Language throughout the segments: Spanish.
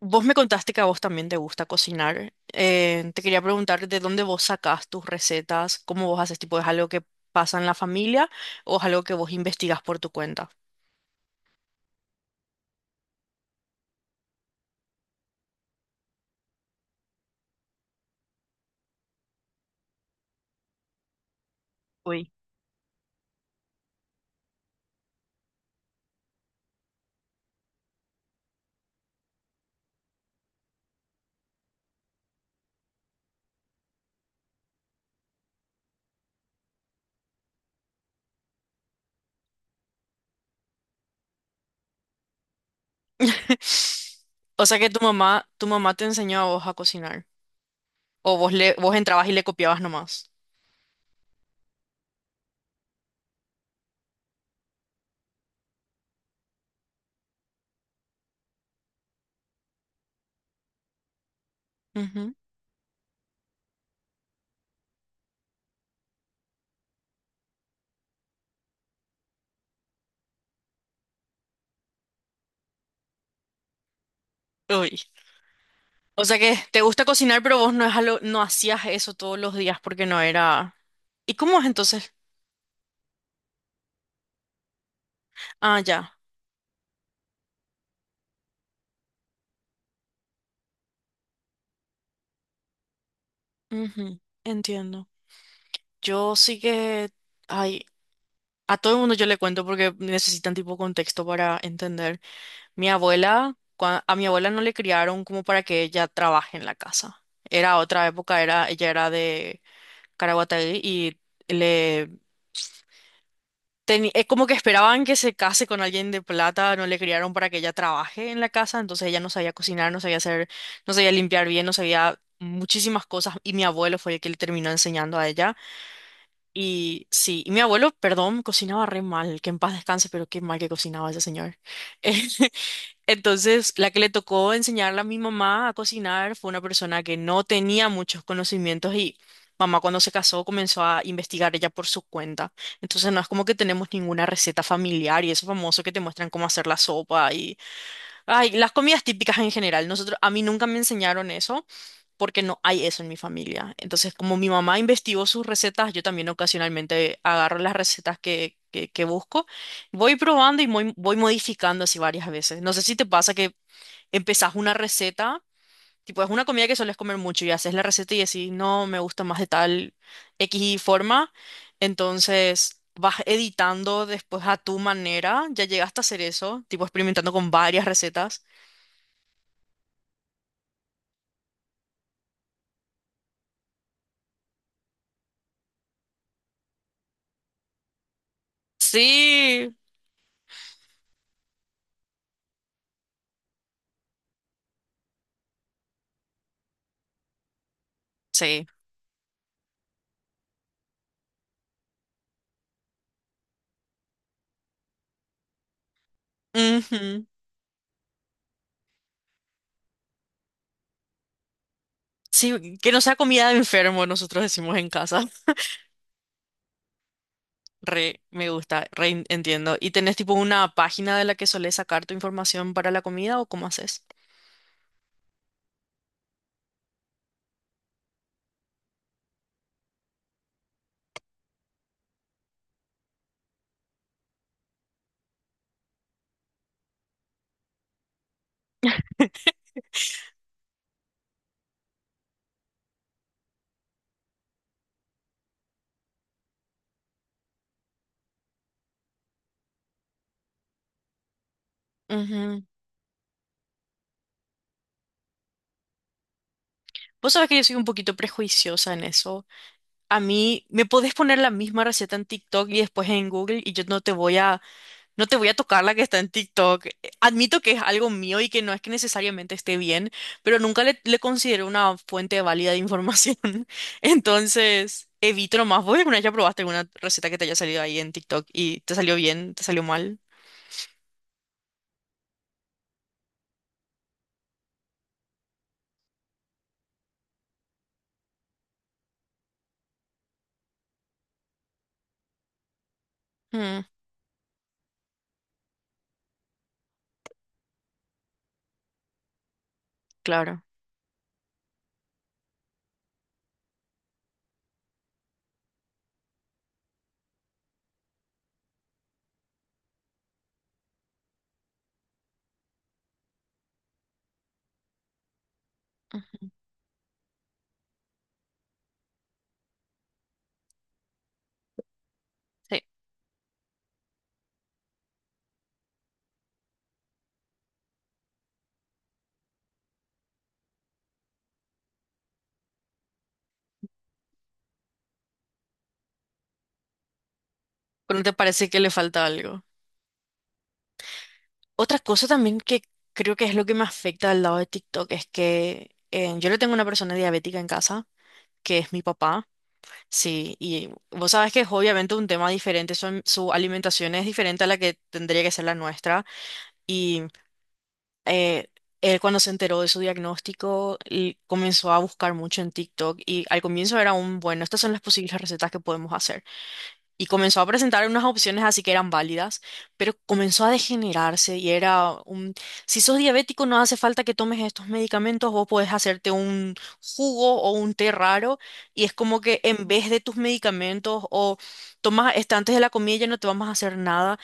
Vos me contaste que a vos también te gusta cocinar. Te quería preguntar de dónde vos sacás tus recetas, cómo vos haces, tipo, ¿es algo que pasa en la familia o es algo que vos investigás por tu cuenta? Uy. O sea que tu mamá te enseñó a vos a cocinar. O vos entrabas y le copiabas nomás. Ujú. Uy. O sea que te gusta cocinar, pero vos no, es algo- no hacías eso todos los días porque no era... ¿Y cómo es entonces? Ah, ya. Ujú, entiendo. Yo sí que... Ay, a todo el mundo yo le cuento porque necesitan tipo contexto para entender. Mi abuela, cua- a mi abuela no le criaron como para que ella trabaje en la casa. Era otra época, era, ella era de Caraguatay y... le teni- como que esperaban que se case con alguien de plata, no le criaron para que ella trabaje en la casa, entonces ella no sabía cocinar, no sabía hacer, no sabía limpiar bien, no sabía muchísimas cosas y mi abuelo fue el que le terminó enseñando a ella. Y sí, y mi abuelo, perdón, cocinaba re mal, que en paz descanse, pero qué mal que cocinaba ese señor. Entonces, la que le tocó enseñarle a mi mamá a cocinar fue una persona que no tenía muchos conocimientos y mamá cuando se casó comenzó a investigar ella por su cuenta. Entonces, no es como que tenemos ninguna receta familiar y eso famoso que te muestran cómo hacer la sopa y ay, las comidas típicas en general. Nosotros, a mí nunca me enseñaron eso porque no hay eso en mi familia. Entonces, como mi mamá investigó sus recetas, yo también ocasionalmente agarro las recetas que busco. Voy probando y voy modificando así varias veces. No sé si te pasa que empezás una receta, tipo es una comida que sueles comer mucho y haces la receta y decís, no, me gusta más de tal X forma, entonces vas editando después a tu manera, ya llegaste a hacer eso, tipo experimentando con varias recetas. Sí, sí. Ujú. Sí, que no sea comida de enfermo, nosotros decimos en casa. Re, me gusta, re en- entiendo. ¿Y tenés tipo una página de la que solés sacar tu información para la comida o cómo haces? Ujú. Vos sabés que yo soy un poquito prejuiciosa en eso. A mí me podés poner la misma receta en TikTok y después en Google y yo no te voy a tocar la que está en TikTok. Admito que es algo mío y que no es que necesariamente esté bien, pero nunca le considero una fuente válida de información. Entonces, evito nomás. ¿Vos alguna vez ya probaste alguna receta que te haya salido ahí en TikTok y te salió bien, te salió mal? Mm, claro. Ujú. Sí. Pero no te parece que le falta algo. Otra cosa también que creo que es lo que me afecta del lado de TikTok es que yo le tengo una persona diabética en casa, que es mi papá, sí, y vos sabés que es obviamente un tema diferente, su alimentación es diferente a la que tendría que ser la nuestra, y eh, él cuando se enteró de su diagnóstico y comenzó a buscar mucho en TikTok y al comienzo era un, bueno, estas son las posibles recetas que podemos hacer y comenzó a presentar unas opciones así que eran válidas, pero comenzó a degenerarse y era un, si sos diabético no hace falta que tomes estos medicamentos, vos podés hacerte un jugo o un té raro y es como que en vez de tus medicamentos o tomas este antes de la comida ya no te vamos a hacer nada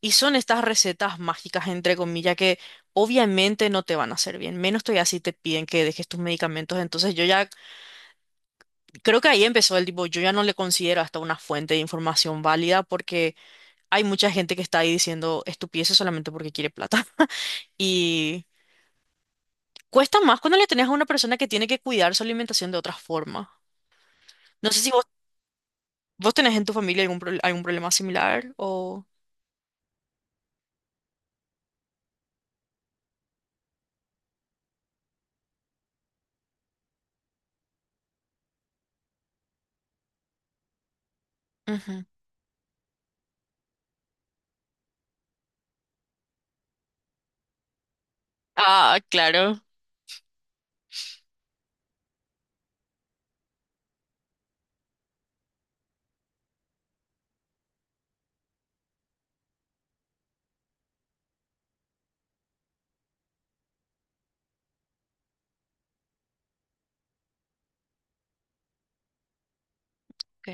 y son estas recetas mágicas entre comillas que obviamente no te van a hacer bien, menos todavía si te piden que dejes tus medicamentos, entonces yo ya creo que ahí empezó el tipo, yo ya no le considero hasta una fuente de información válida porque hay mucha gente que está ahí diciendo estupideces solamente porque quiere plata. Y cuesta más cuando le tenés a una persona que tiene que cuidar su alimentación de otra forma. No sé si vos tenés en tu familia algún, pro- algún problema similar o... Ujú. Ah, claro. Ok.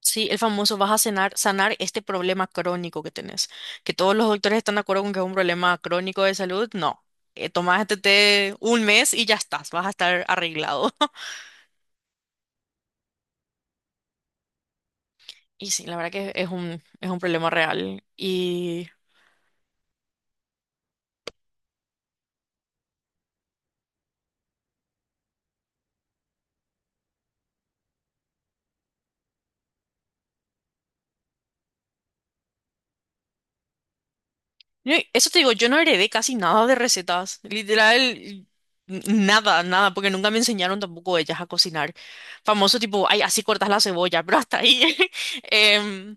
Sí, el famoso vas a cenar- sanar este problema crónico que tenés. Que todos los doctores están de acuerdo con que es un problema crónico de salud. No. Tomás este té un mes y ya estás, vas a estar arreglado. Y sí, la verdad que es un problema real. Y yo- eso te digo, yo no heredé casi nada de recetas, literal, n- nada, nada, porque nunca me enseñaron tampoco ellas a cocinar. Famoso tipo, ay, así cortas la cebolla, pero hasta ahí. Em,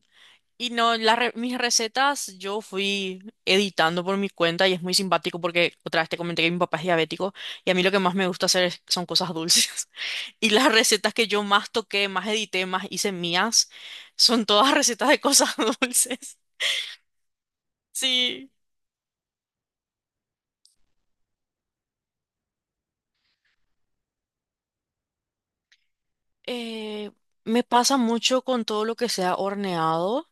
y no, las re- mis recetas yo fui editando por mi cuenta y es muy simpático porque otra vez te comenté que mi papá es diabético y a mí lo que más me gusta hacer es- son cosas dulces. Y las recetas que yo más toqué, más edité, más hice mías, son todas recetas de cosas dulces. Sí. Eh, Me pasa mucho con todo lo que sea horneado,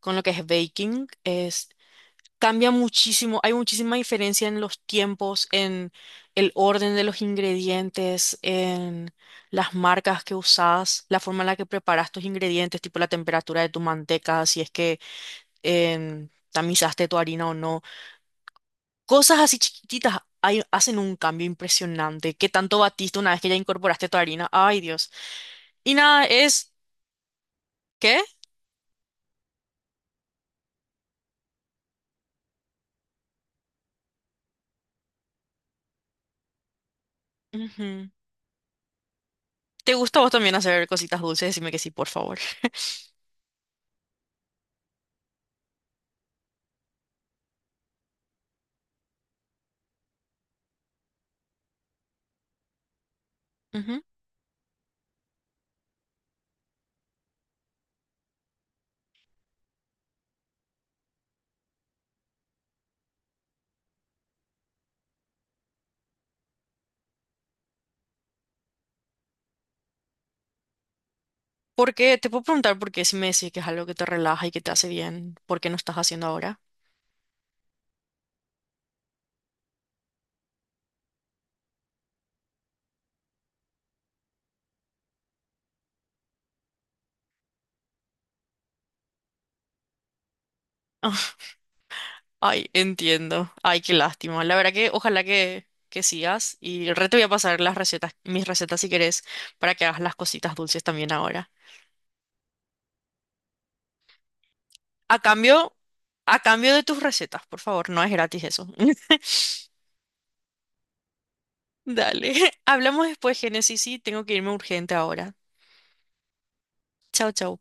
con lo que es baking, es cambia muchísimo, hay muchísima diferencia en los tiempos, en el orden de los ingredientes, en las marcas que usas, la forma en la que preparas tus ingredientes, tipo la temperatura de tu manteca, si es que tamizaste tu harina o no. Cosas así chiquititas hay- hacen un cambio impresionante. ¿Qué tanto batiste una vez que ya incorporaste tu harina? Ay, Dios. Y nada, es... ¿Qué? Ujú. ¿Te gusta a vos también hacer cositas dulces? Decime que sí, por favor. Ujú. ¿Por qué? Te puedo preguntar por qué si me decís que es algo que te relaja y que te hace bien, ¿por qué no estás haciendo ahora? Ay, entiendo. Ay, qué lástima. La verdad que ojalá que sigas y re te voy a pasar las recetas, mis recetas si querés, para que hagas las cositas dulces también ahora. A cambio, a cambio de tus recetas, por favor, no es gratis eso. Dale. Hablamos después, Génesis, sí, tengo que irme urgente ahora. Chao, chao.